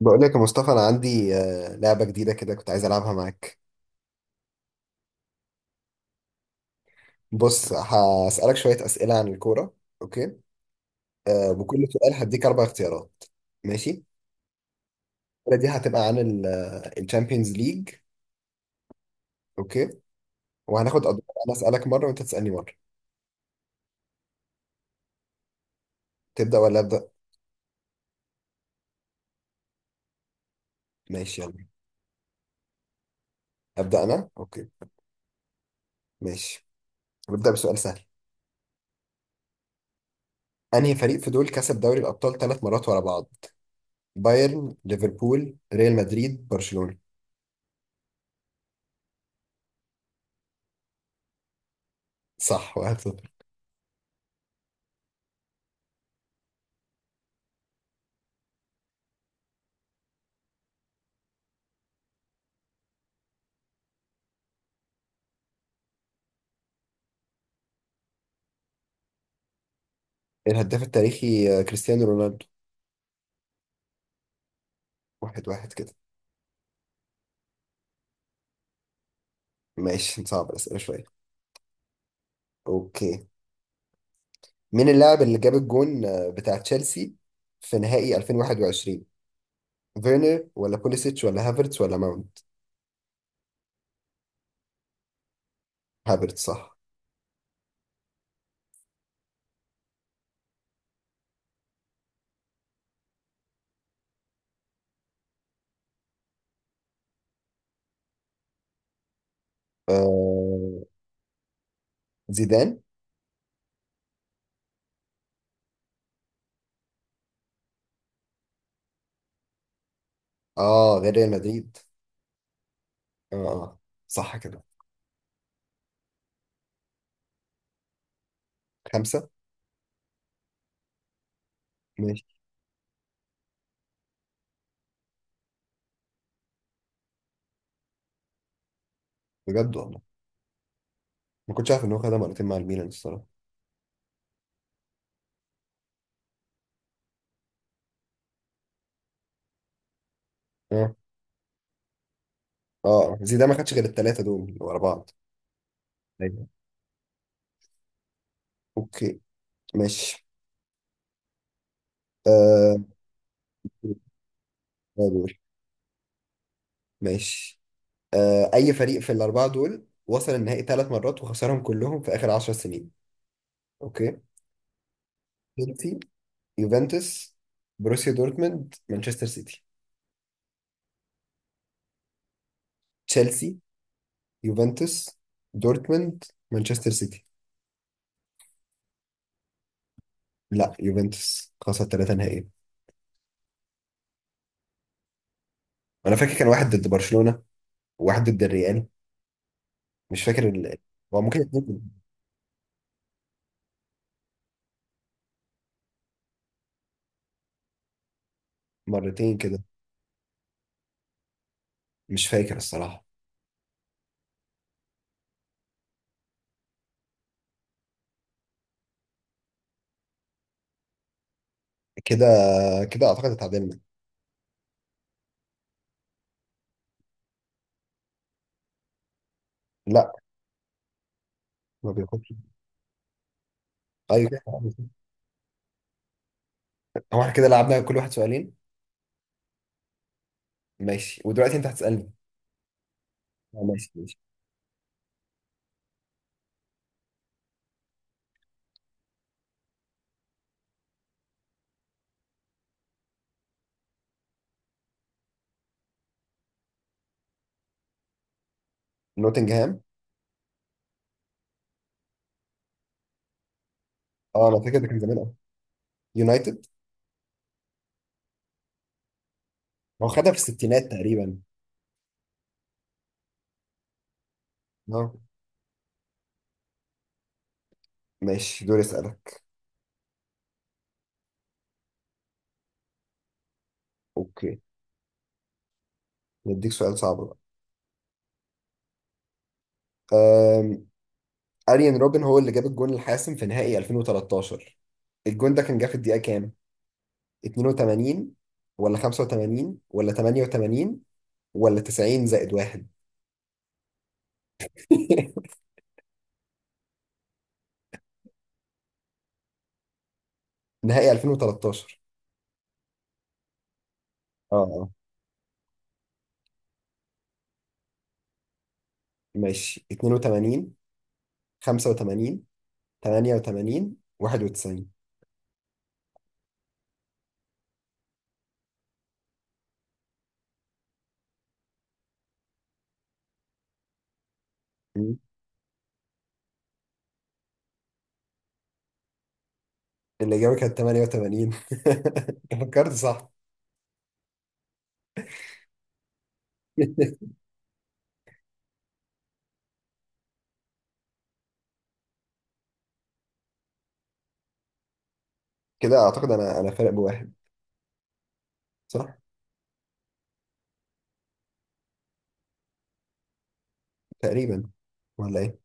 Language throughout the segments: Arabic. بقول لك يا مصطفى، انا عندي لعبه جديده كده كنت عايز العبها معاك. بص هسالك شويه اسئله عن الكوره. اوكي. وكل سؤال هديك اربع اختيارات. ماشي. الاسئله دي هتبقى عن الشامبيونز ليج. اوكي. وهناخد ادوار. انا اسالك مره وانت تسالني مره. تبدا ولا ابدا؟ ماشي، يلا. ابدا انا، اوكي. ماشي. نبدا بسؤال سهل. انهي فريق في دول كسب دوري الابطال ثلاث مرات ورا بعض؟ بايرن، ليفربول، ريال مدريد، برشلونه. صح، واحد صفر. الهداف التاريخي كريستيانو رونالدو. واحد واحد كده. ماشي نصعب الأسئلة شوية. أوكي. مين اللاعب اللي جاب الجون بتاع تشيلسي في نهائي 2021؟ فيرنر ولا بوليسيتش ولا هافرتس ولا ماونت. هافرتس صح. آه... زيدان. اه، غير ريال مدريد. اه. آه. صح كده. خمسة. ماشي. بجد والله. ما كنتش عارف ان هو خدها مرتين مع الميلان الصراحة. اه اه، زيدان ما خدش غير الثلاثة دول اللي ورا بعض. ايوه. اوكي. ماشي. آه... دور. ماشي. اي فريق في الاربعه دول وصل النهائي ثلاث مرات وخسرهم كلهم في اخر 10 سنين؟ اوكي. تشيلسي، يوفنتوس، بروسيا دورتموند، مانشستر سيتي. تشيلسي، يوفنتوس، دورتموند، مانشستر سيتي. لا، يوفنتوس خسر ثلاثه نهائي. انا فاكر كان واحد ضد برشلونه، وواحد ضد الريال. مش فاكر. هو ممكن اتنين. مرتين كده. مش فاكر الصراحه. كده كده اعتقد اتعادلنا. لا، ما بياخدش. ايوه كده اتعادلنا. هو احنا كده لعبنا كل واحد سؤالين. ماشي، ودلوقتي انت هتسالني. ماشي ماشي. نوتنجهام. اه، انا فاكر ده كان زمان قوي. يونايتد. هو خدها في الستينات تقريبا. اه. ماشي دوري اسالك. اوكي. نديك سؤال صعب بقى. أم... اريان روبن هو اللي جاب الجون الحاسم في نهائي 2013. الجون ده كان جه في الدقيقه كام؟ 82 ولا 85 ولا 88 ولا 90 زائد واحد. نهائي 2013. اه اه. ماشي. 82، 85، 88، 91. الإجابة كانت 88. فكرت صح. كده أعتقد أنا فارق بواحد. صح. تقريبا. ولا إيه؟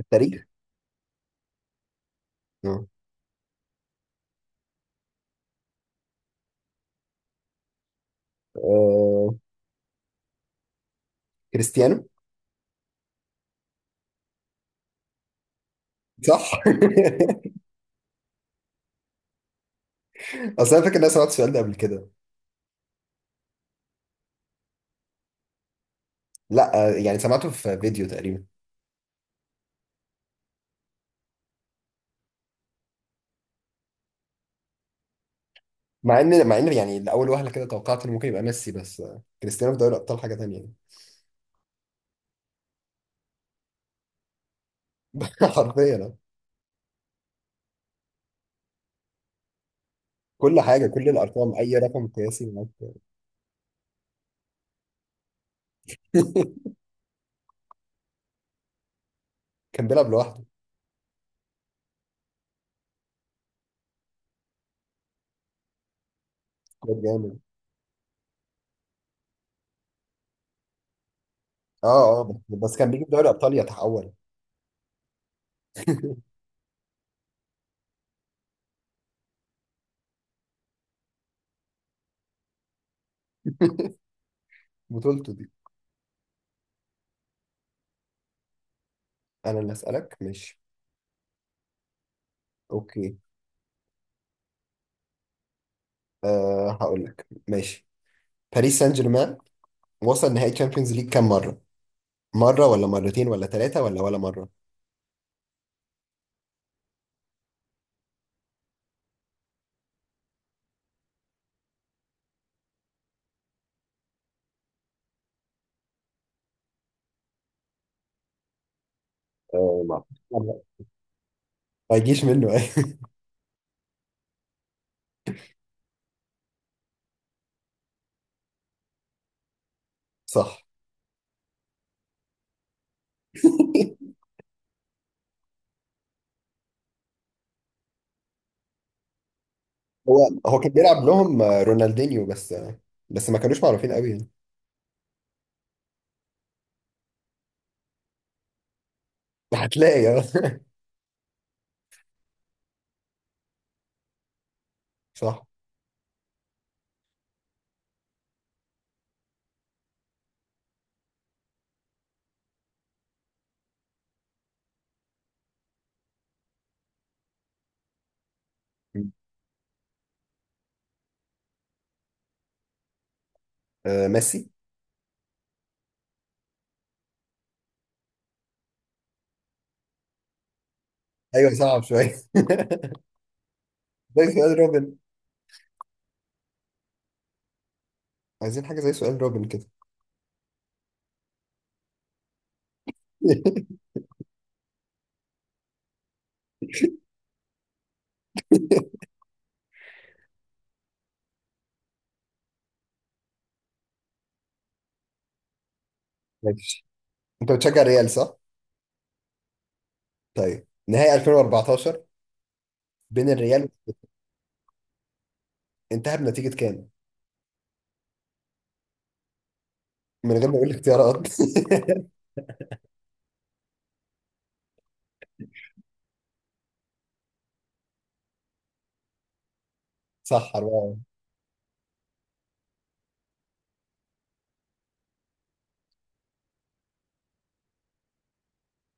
التاريخ. آه. آه، كريستيانو. صح. أصل أنا فاكر إن أنا سمعت السؤال ده قبل كده. لا، يعني سمعته في فيديو تقريبا. مع إن يعني لأول وهلة كده توقعت إنه ممكن يبقى ميسي، بس كريستيانو في دوري الأبطال حاجة تانية يعني. حرفيا آه. كل حاجة، كل الأرقام، أي رقم قياسي هناك. كان بيلعب لوحده. كان جامد. اه اه، بس كان بيجيب دوري ابطال يتحول. بطولته دي. انا اللي اسالك، ماشي. اوكي. أه هقول لك، ماشي. باريس سان جيرمان وصل نهائي تشامبيونز ليج كام مره؟ مره ولا مرتين ولا ثلاثه ولا مره. أه ما أعتقدش. ما يجيش منه ايه؟ صح. هو هو كان بيلعب لهم رونالدينيو، بس بس ما كانوش معروفين قوي يعني. هتلاقي آه. صح. أه ميسي. ايوه صعب شويه. زي سؤال روبن. عايزين حاجه زي سؤال روبن كده. ماشي. انت بتشجع ريال صح؟ طيب نهائي 2014 بين الريال، انتهى بنتيجة كام؟ من غير ما اقول اختيارات. صح، 4.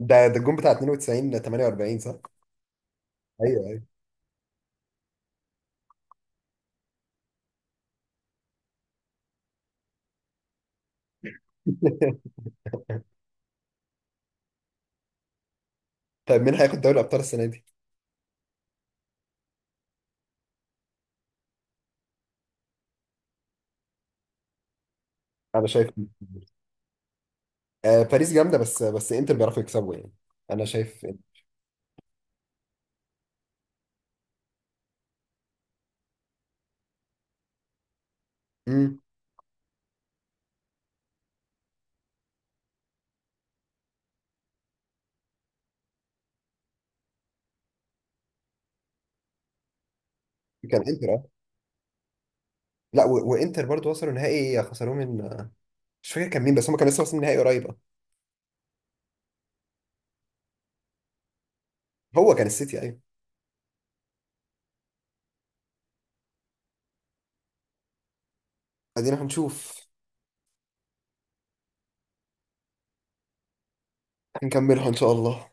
ده الجون بتاع 92 ل 48 صح؟ ايوه ايوه. طيب مين هياخد دوري الابطال السنة دي؟ انا شايف. آه باريس جامدة، بس انتر بيعرفوا يكسبوا يعني. انا شايف. امم. كان انتر اه. لا وانتر برضو وصلوا نهائي خسروه من. مش فاكر كان مين، بس هم كانوا لسه واصلين نهائي قريب اه. هو كان السيتي ايوه. ادينا هنشوف. هنكملها ان شاء الله.